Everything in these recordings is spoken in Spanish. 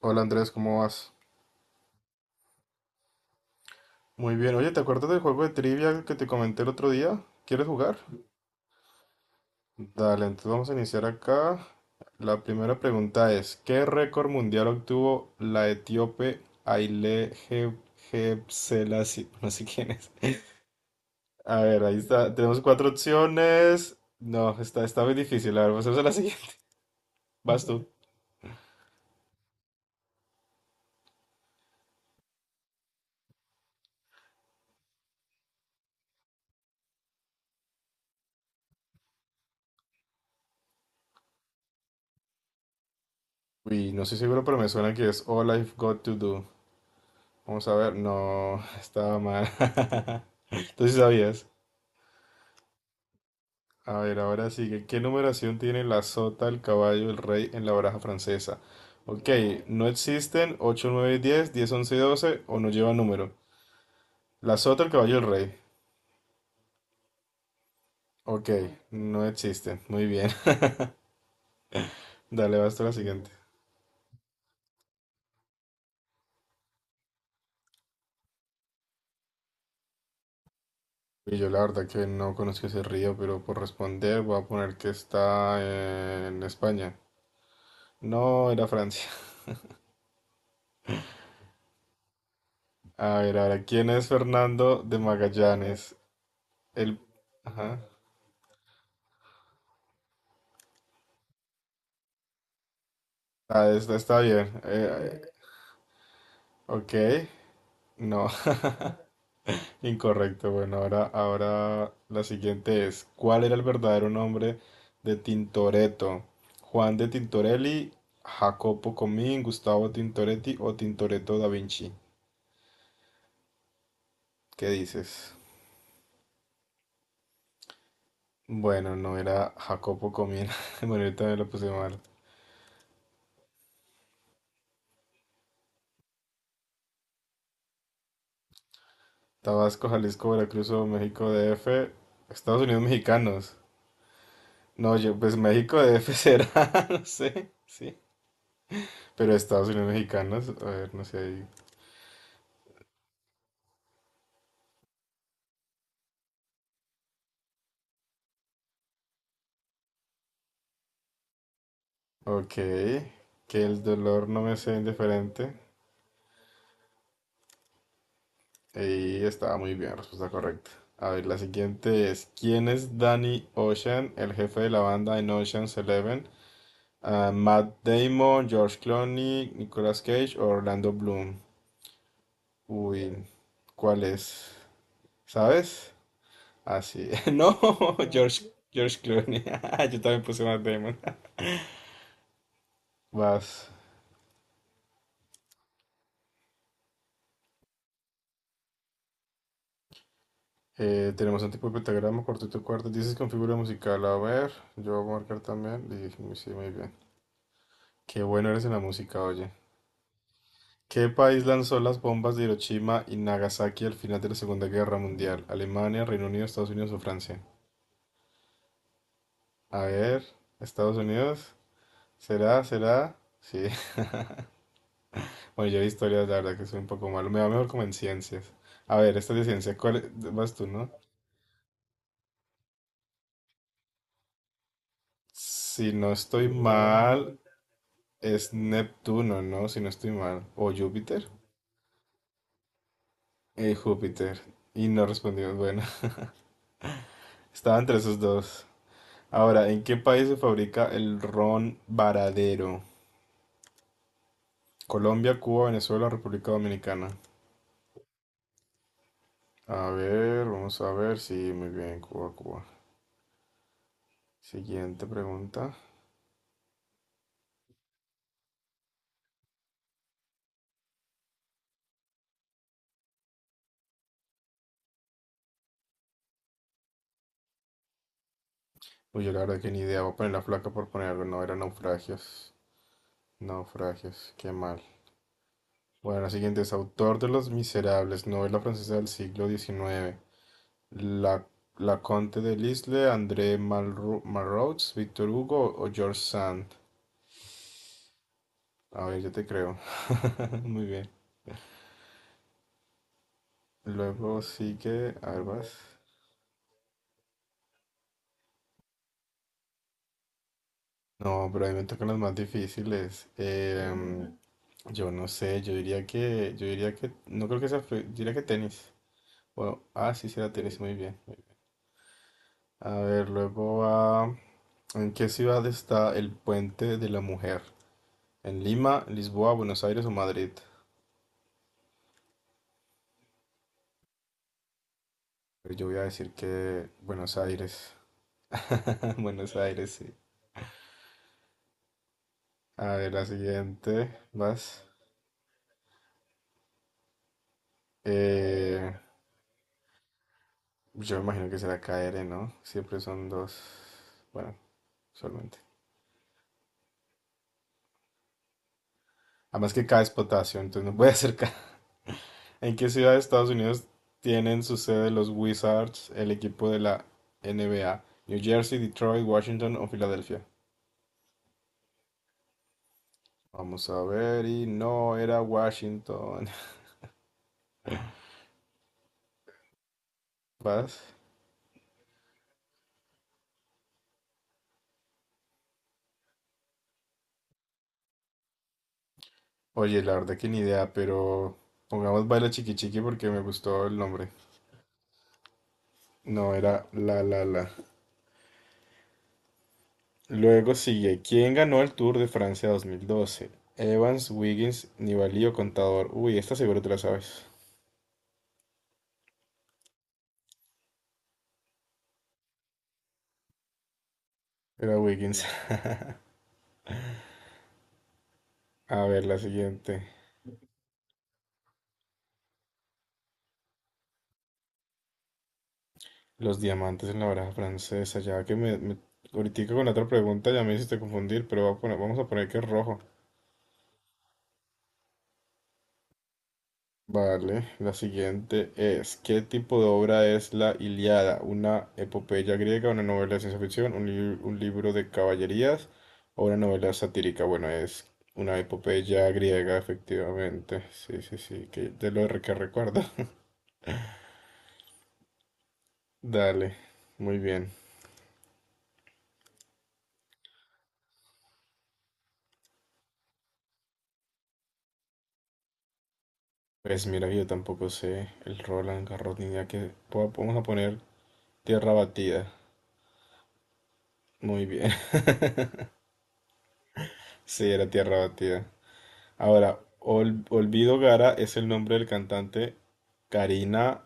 Hola Andrés, ¿cómo vas? Muy bien, oye, ¿te acuerdas del juego de trivia que te comenté el otro día? ¿Quieres jugar? Dale, entonces vamos a iniciar acá. La primera pregunta es, ¿qué récord mundial obtuvo la etíope Haile Gebrselassie? No sé quién es. A ver, ahí está. Tenemos cuatro opciones. No, está muy difícil. A ver, vamos a hacer la siguiente. Vas tú. Uy, no estoy seguro, pero me suena que es All I've Got to Do. Vamos a ver. No, estaba mal. Entonces sabías. A ver, ahora sigue. ¿Qué numeración tiene la sota, el caballo, el rey en la baraja francesa? Ok, no existen 8 9 diez 11 12 o no llevan número. La sota, el caballo, el rey. Ok, no existen. Muy bien. Dale, basta la siguiente. Y yo la verdad que no conozco ese río, pero por responder voy a poner que está en España. No, era Francia. A ver, ahora, ¿quién es Fernando de Magallanes? El... Ajá. Ah, esta está bien. Ok. No, incorrecto. Bueno, ahora la siguiente es, ¿cuál era el verdadero nombre de Tintoretto? Juan de Tintorelli, Jacopo Comín, Gustavo Tintoretti o Tintoretto da Vinci. ¿Qué dices? Bueno, no era Jacopo Comín. Bueno, ahorita me lo puse mal. Tabasco, Jalisco, Veracruz o México DF, Estados Unidos mexicanos. No, yo, pues México DF será, no sé, sí. Pero Estados Unidos mexicanos, a ver, no sé, ahí. Ok, que el dolor no me sea indiferente. Y estaba muy bien, respuesta correcta. A ver, la siguiente es, ¿quién es Danny Ocean, el jefe de la banda en Ocean's Eleven? Ah, Matt Damon, George Clooney, Nicolas Cage o Orlando Bloom. Uy, ¿cuál es? ¿Sabes? Así. No, no, George Clooney. Yo también puse Matt Damon. Vas. Tenemos un tipo de pentagrama, cuarteto de cuerdas. Dices con figura musical. A ver, yo voy a marcar también. Y, dije, sí, muy bien. Qué bueno eres en la música, oye. ¿Qué país lanzó las bombas de Hiroshima y Nagasaki al final de la Segunda Guerra Mundial? ¿Alemania, Reino Unido, Estados Unidos o Francia? A ver, Estados Unidos. ¿Será? ¿Será? Sí. Bueno, yo de historias, la verdad que soy un poco malo. Me va mejor como en ciencias. A ver, esta es de ciencia. ¿Cuál es? Vas tú, ¿no? Si no estoy mal, es Neptuno, ¿no? Si no estoy mal. ¿O Júpiter? Júpiter. Y no respondió. Bueno, estaba entre esos dos. Ahora, ¿en qué país se fabrica el ron varadero? Colombia, Cuba, Venezuela, República Dominicana. A ver, vamos a ver. Sí, muy bien, Cuba, Cuba. Siguiente pregunta. Uy, yo la verdad que ni idea. Voy a poner la flaca por poner algo. No, era naufragios. Naufragios, qué mal. Bueno, la siguiente es autor de Los Miserables, novela francesa del siglo XIX. La, la Conte de Lisle, André Malraux, Víctor Hugo o George Sand. A ver, yo te creo. Muy bien. Luego sigue, a ver, vas. No, pero a mí me tocan las más difíciles. Yo no sé, yo diría que, no creo que sea, diría que tenis. Bueno, ah, sí, será tenis, muy bien. Muy bien. A ver, luego va, ¿en qué ciudad está el Puente de la Mujer? ¿En Lima, Lisboa, Buenos Aires o Madrid? Pero yo voy a decir que Buenos Aires. Buenos Aires, sí. A ver, la siguiente. Vas. Eh, yo me imagino que será KR, ¿no? Siempre son dos. Bueno, solamente. Además que K es potasio, entonces no puede ser K. ¿En qué ciudad de Estados Unidos tienen su sede los Wizards, el equipo de la NBA? ¿New Jersey, Detroit, Washington o Filadelfia? Vamos a ver. Y no era Washington. Vas. Oye, la verdad que ni idea, pero pongamos Baila Chiqui Chiqui porque me gustó el nombre. No, era La La La. Luego sigue, ¿quién ganó el Tour de Francia 2012? Evans, Wiggins, Nibali o Contador. Uy, esta seguro te la sabes. Era Wiggins. A ver, la siguiente. Los diamantes en la baraja francesa. Ya que ahorita con la otra pregunta ya me hiciste confundir, pero vamos a poner que es rojo. Vale, la siguiente es, ¿qué tipo de obra es la Ilíada? ¿Una epopeya griega, una novela de ciencia ficción, un libro de caballerías o una novela satírica? Bueno, es una epopeya griega, efectivamente. Sí, sí, sí, que de lo re- que recuerdo. Dale, muy bien. Pues mira, yo tampoco sé el Roland Garros ni idea Vamos a poner tierra batida. Muy bien. Sí, era tierra batida. Ahora, Olvido Gara es el nombre del cantante. Karina,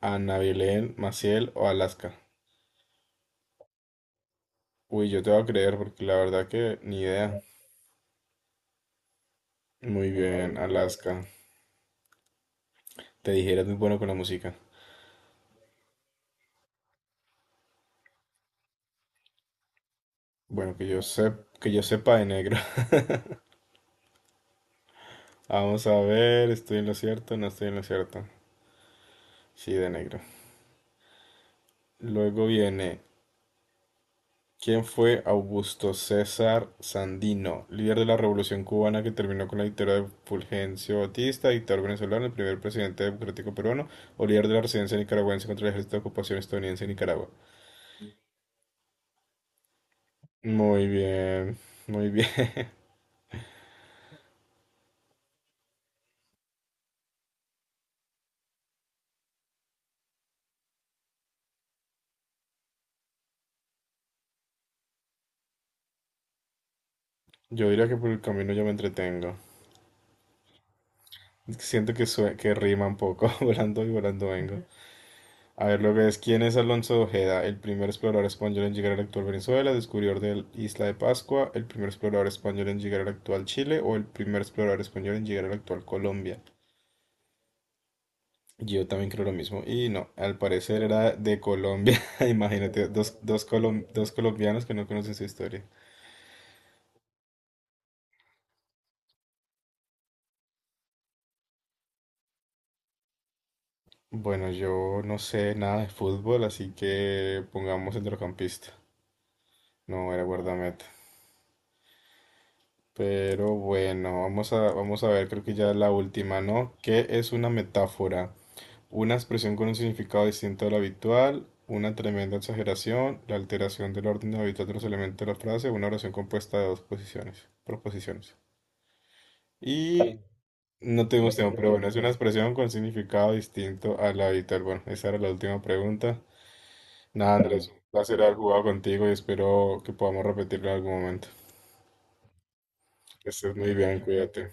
Ana Belén, Maciel o Alaska. Uy, yo te voy a creer porque la verdad que ni idea. Muy bien, Alaska. Te dije, eres muy bueno con la música. Bueno, que yo sepa, que yo sepa, de negro. Vamos a ver, ¿estoy en lo cierto? No estoy en lo cierto. Sí, de negro. Luego viene, ¿quién fue Augusto César Sandino, líder de la Revolución cubana que terminó con la dictadura de Fulgencio Batista, dictador venezolano, el primer presidente democrático peruano, o líder de la resistencia nicaragüense contra el ejército de ocupación estadounidense en Nicaragua? Muy bien, muy bien. Yo diría que por el camino yo me entretengo. Es que siento que, que rima un poco, volando y volando vengo. A ver, lo que es, ¿quién es Alonso de Ojeda? El primer explorador español en llegar a la actual Venezuela, descubridor de la isla de Pascua, el primer explorador español en llegar al actual Chile o el primer explorador español en llegar a la actual Colombia. Yo también creo lo mismo. Y no, al parecer era de Colombia. Imagínate, dos, dos, dos colombianos que no conocen su historia. Bueno, yo no sé nada de fútbol, así que pongamos centrocampista. No, era guardameta. Pero bueno, vamos a ver, creo que ya es la última, ¿no? ¿Qué es una metáfora? Una expresión con un significado distinto al habitual, una tremenda exageración, la alteración del orden habitual de los elementos de la frase, una oración compuesta de dos proposiciones. Y no tenemos tiempo, pero bueno, es una expresión con significado distinto al habitual. Bueno, esa era la última pregunta. Nada, Andrés, un placer haber jugado contigo y espero que podamos repetirlo en algún momento. Que estés muy bien, cuídate.